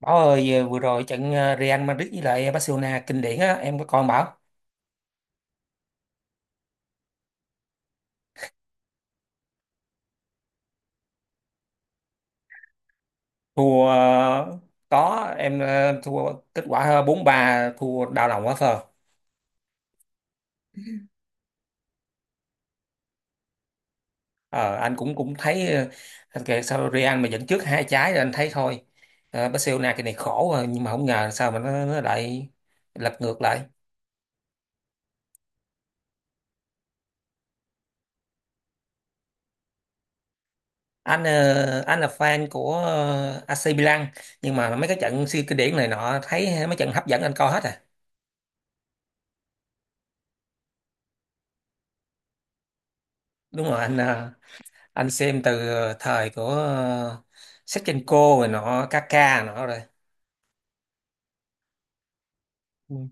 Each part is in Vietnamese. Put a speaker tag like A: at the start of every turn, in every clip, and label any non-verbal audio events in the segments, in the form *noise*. A: Bảo ơi, vừa rồi trận Real Madrid với lại Barcelona kinh điển á, em có coi không Bảo? Thua có, em thua. Kết quả 4-3, thua đau lòng quá phờ. Ờ, anh cũng cũng thấy. Ờ, anh kể sao Real mà dẫn trước hai trái rồi anh thấy thôi. Barcelona cái này khổ rồi, nhưng mà không ngờ sao mà nó lại lật ngược lại. Anh là fan của AC Milan, nhưng mà mấy cái trận siêu kinh điển này nọ, thấy mấy trận hấp dẫn anh coi hết à. Đúng rồi, anh xem từ thời của Shevchenko rồi nọ, Kaka nọ rồi. Ừ.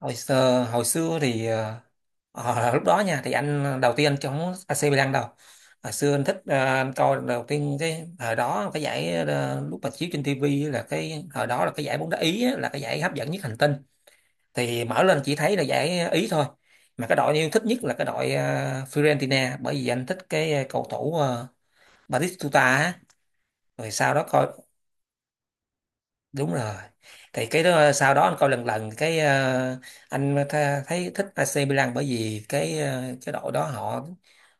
A: Hồi xưa thì lúc đó nha thì đầu tiên anh chống AC Milan đâu. Hồi xưa anh thích, anh coi đầu tiên cái thời đó, cái giải lúc mà chiếu trên TV là cái thời đó, là cái giải bóng đá Ý á, là cái giải hấp dẫn nhất hành tinh. Thì mở lên chỉ thấy là giải Ý thôi. Mà cái đội anh yêu thích nhất là cái đội Fiorentina, bởi vì anh thích cầu thủ Batistuta á. Rồi sau đó coi. Đúng rồi. Thì cái đó, sau đó anh coi lần lần cái, thấy thích AC Milan, bởi vì cái đội đó họ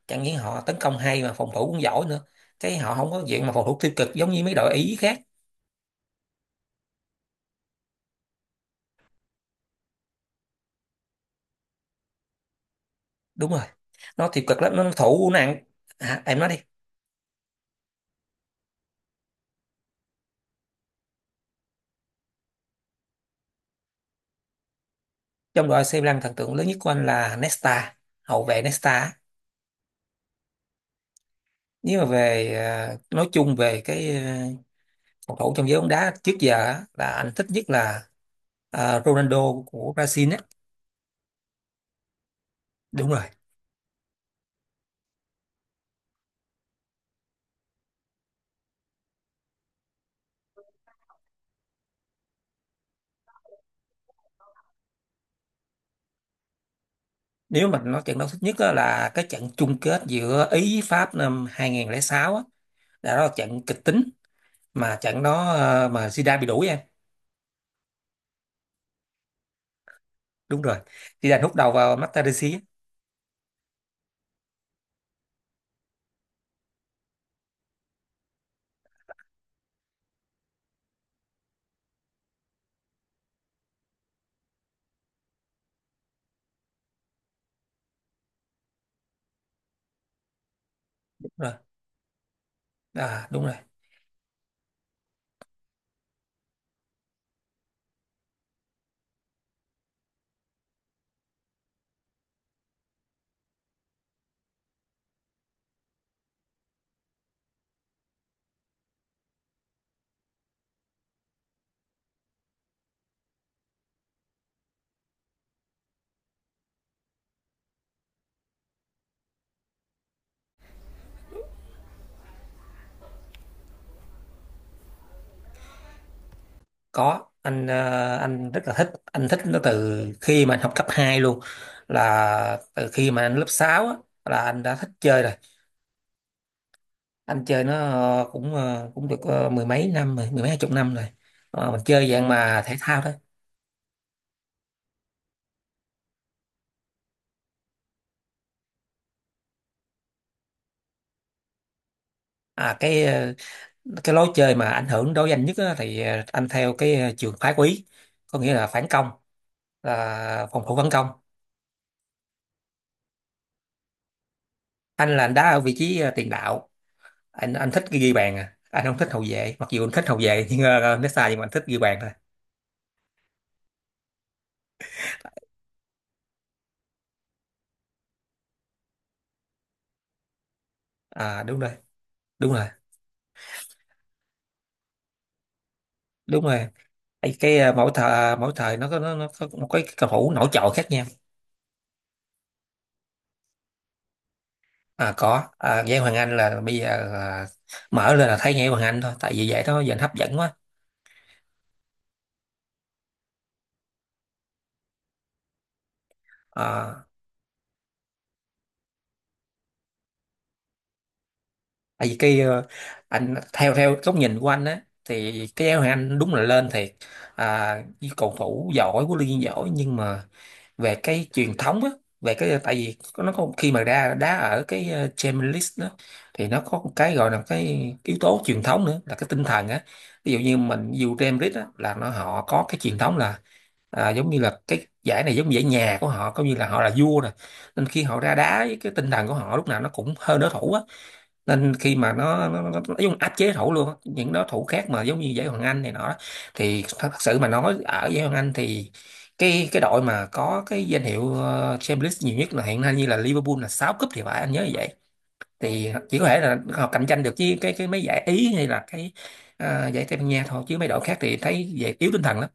A: chẳng những họ tấn công hay mà phòng thủ cũng giỏi nữa. Cái họ không có diện mà phòng thủ tiêu cực giống như mấy đội Ý khác. Đúng rồi, nó tiêu cực lắm, nó thủ nặng. À, em nói đi. Trong đội AC Milan, thần tượng lớn nhất của anh là Nesta, hậu vệ Nesta á. Nếu mà về, nói chung về phòng thủ trong giới bóng đá trước giờ á, là anh thích nhất là Ronaldo của Brazil á. Đúng rồi. Nếu mình nói trận đấu thích nhất á, là cái trận chung kết giữa Ý với Pháp năm 2006 á, là đó là trận kịch tính, mà trận đó, mà Zidane bị đuổi em. Đúng rồi. Zidane hút đầu vào Materazzi á. Đúng rồi, à, đúng rồi. Có, anh rất là thích, anh thích nó từ khi mà anh học cấp 2 luôn, là từ khi mà anh lớp 6 á, là anh đã thích chơi rồi. Anh chơi nó, cũng được, mười mấy năm rồi, mười mấy hai chục năm rồi. Ờ, mình chơi dạng mà thể thao thôi. À cái lối chơi mà ảnh hưởng đối với anh nhất á, thì anh theo trường phái quý, có nghĩa là phản công, là phòng thủ phản công. Anh là anh đá ở vị trí tiền đạo. Anh thích ghi bàn, à anh không thích hậu vệ, mặc dù anh thích hậu vệ *laughs* nhưng nó sai, nhưng mà anh thích ghi bàn thôi. À đúng rồi, đúng rồi. Đúng rồi. Ê, cái ờ, mỗi thời nó có, nó có một cái cầu thủ nổi trội khác nhau. À có, à Nguyễn Hoàng Anh là bây giờ là mở lên là thấy Nguyễn Hoàng Anh thôi, tại vì vậy đó giờ anh hấp dẫn quá. À, tại vì anh theo theo góc nhìn của anh á, thì cái áo anh đúng là lên thiệt. À, như cầu thủ giỏi, huấn luyện viên giỏi, nhưng mà về cái truyền thống á, về cái tại vì nó có khi mà ra đá ở Champions League đó, thì nó có một cái gọi là cái yếu tố truyền thống nữa là cái tinh thần á. Ví dụ như mình dù Champions League á, là nó họ có cái truyền thống là, à, giống như là cái giải này giống như giải nhà của họ, coi như là họ là vua nè, nên khi họ ra đá với cái tinh thần của họ lúc nào nó cũng hơn đối thủ á. Nên khi mà nó dùng áp chế thủ luôn á, những đối thủ khác mà giống như giải Hoàng Anh này nọ. Thì thật sự mà nói ở giải Hoàng Anh thì cái đội mà có cái danh hiệu Champions League nhiều nhất là hiện nay, như là Liverpool là 6 cúp thì phải, anh nhớ như vậy. Thì chỉ có thể là họ cạnh tranh được với cái mấy giải Ý hay là giải Tây Ban Nha thôi, chứ mấy đội khác thì thấy vậy yếu tinh thần lắm.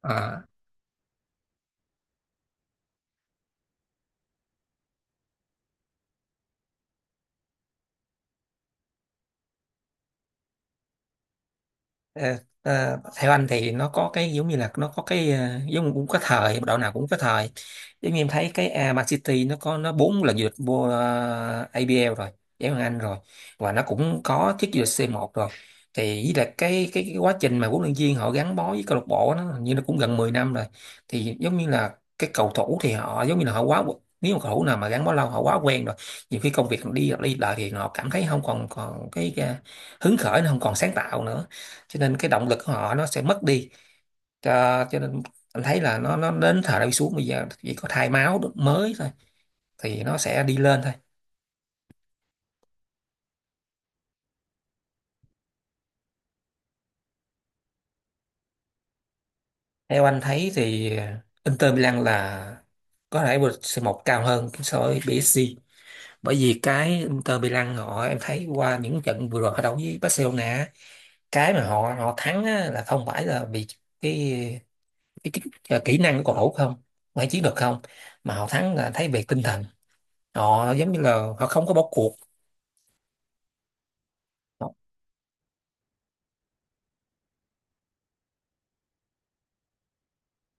A: Ờ. Ờ, theo anh thì nó có cái giống như là nó có giống cũng có thời, đội nào cũng có thời. Giống như em thấy cái à, Man City nó có nó bốn lần vô địch vô APL rồi, giải Ngoại hạng Anh rồi, và nó cũng có chức vô địch c một rồi. Thì với lại cái quá trình mà huấn luyện viên họ gắn bó với câu lạc bộ nó hình như nó cũng gần 10 năm rồi. Thì giống như là cái cầu thủ thì họ giống như là họ quá. Nếu mà cầu thủ nào mà gắn bó lâu, họ quá quen rồi, nhiều khi công việc đi đi lại thì họ cảm thấy không còn còn hứng khởi, nó không còn sáng tạo nữa. Cho nên cái động lực của họ nó sẽ mất đi. Cho nên anh thấy là nó đến thời đi xuống, bây giờ chỉ có thay máu mới thôi, thì nó sẽ đi lên thôi. Theo anh thấy thì Inter Milan là có thể vượt c, cao hơn so với PSG, bởi vì cái Inter Milan họ, em thấy qua những trận vừa rồi họ đấu với Barcelona, cái mà họ họ thắng á là không phải là vì cái cái, cái, cái kỹ năng của cầu thủ, không phải chiến được không, mà họ thắng là thấy về tinh thần. Họ giống như là họ không có bỏ cuộc. Họ.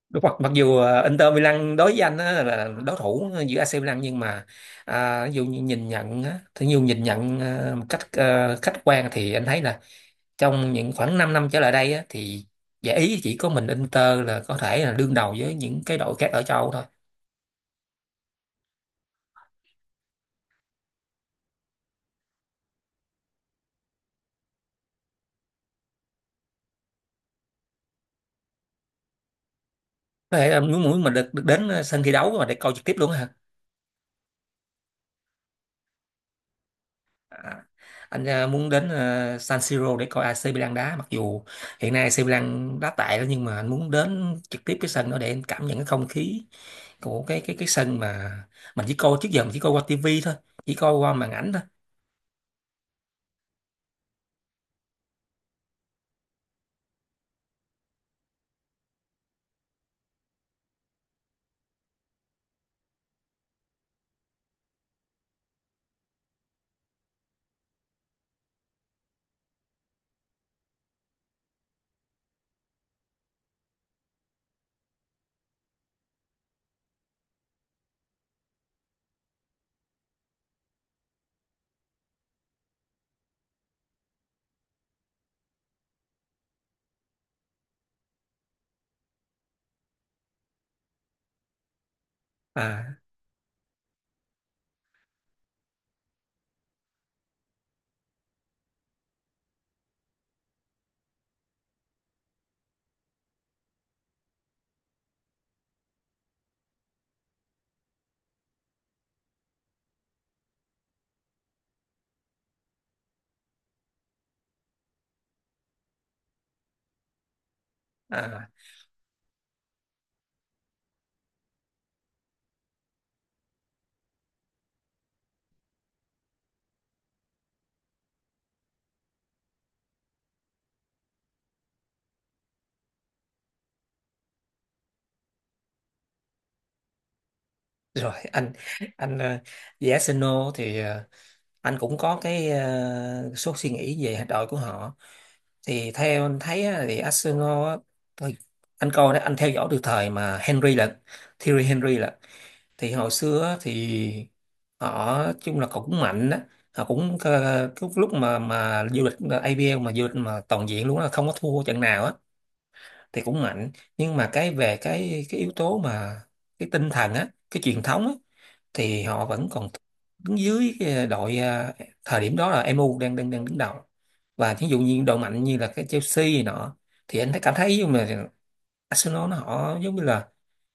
A: Đúng, mặc mặc dù Inter Milan đối với anh á, là đối thủ giữa AC Milan, nhưng mà, à, ví dụ như nhìn nhận á, thì nhiều nhìn nhận một cách khách quan thì anh thấy là trong những khoảng 5 năm trở lại đây á, thì giải ý chỉ có mình Inter là có thể là đương đầu với những cái đội khác ở châu Âu thôi. Có thể là muốn muốn mình được đến sân thi đấu mà để coi trực tiếp luôn á hả. À, muốn đến San Siro để coi AC Milan đá, mặc dù hiện nay AC Milan đá tệ đó, nhưng mà anh muốn đến trực tiếp cái sân đó để anh cảm nhận cái không khí của cái sân mà mình chỉ coi trước giờ, mình chỉ coi qua tivi thôi, chỉ coi qua màn ảnh thôi. À à rồi *laughs* anh, về Arsenal thì, anh cũng có số suy nghĩ về đội của họ. Thì theo anh thấy á, thì Arsenal á, thôi, anh coi đó, anh theo dõi từ thời mà Henry là, Thierry Henry là. Thì hồi xưa á, thì họ chung là cũng mạnh đó. Họ cũng, cái lúc mà du lịch APL mà du lịch mà toàn diện luôn á, không có thua trận nào á, thì cũng mạnh. Nhưng mà cái về cái yếu tố mà cái tinh thần á, cái truyền thống á, thì họ vẫn còn đứng dưới cái đội, à, thời điểm đó là MU đang đang đang đứng đầu. Và ví dụ như đội mạnh như là cái Chelsea này nọ, thì anh thấy cảm thấy giống như là Arsenal họ giống như là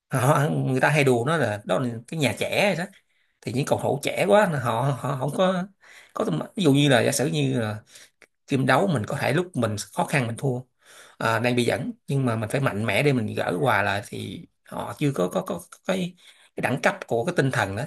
A: họ, người ta hay đùa nó là đó là cái nhà trẻ rồi đó, thì những cầu thủ trẻ quá họ họ họ không có có tầm- ví dụ như là giả sử như là team đấu mình có thể lúc mình khó khăn mình thua, à, đang bị dẫn, nhưng mà mình phải mạnh mẽ để mình gỡ hòa lại, thì họ chưa có cái đẳng cấp của cái tinh thần đó.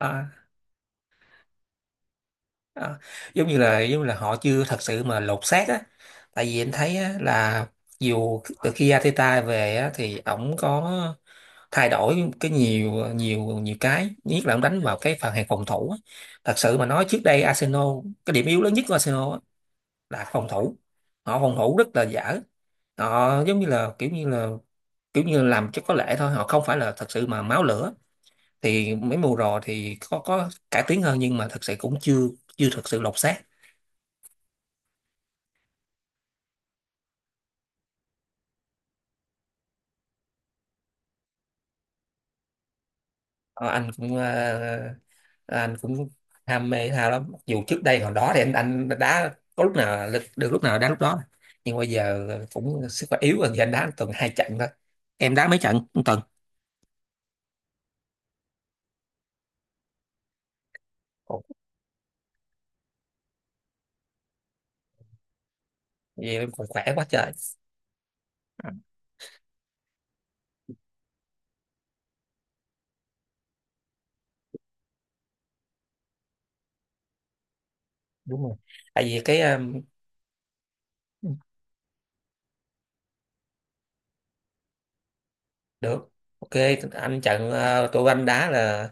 A: À, à, giống như là họ chưa thật sự mà lột xác á. Tại vì anh thấy á, là dù từ khi Arteta về á, thì ổng có thay đổi cái nhiều nhiều nhiều, cái nhất là ông đánh vào cái phần hàng phòng thủ á. Thật sự mà nói trước đây Arsenal, cái điểm yếu lớn nhất của Arsenal á, là phòng thủ. Họ phòng thủ rất là dở, họ giống như là kiểu như làm cho có lệ thôi, họ không phải là thật sự mà máu lửa. Thì mấy mùa rồi thì có cải tiến hơn, nhưng mà thật sự cũng chưa chưa thật sự lột xác. Ờ, anh cũng ham mê thể thao lắm. Mặc dù trước đây hồi đó thì anh đá có lúc nào là- được lúc nào đá lúc đó. Nhưng bây giờ cũng sức khỏe yếu rồi thì anh đá tuần hai trận thôi. Em đá mấy trận một tuần? Ồ, vậy em còn khỏe quá trời. Ừ, đúng rồi. Tại vì được. Ok, anh trận, tôi tụi anh đá là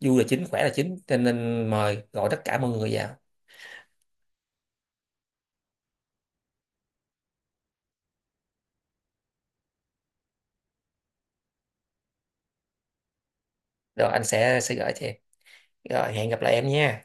A: vui là chính, khỏe là chính, cho nên mời gọi tất cả mọi người vào. Rồi anh sẽ gửi cho em. Rồi hẹn gặp lại em nha.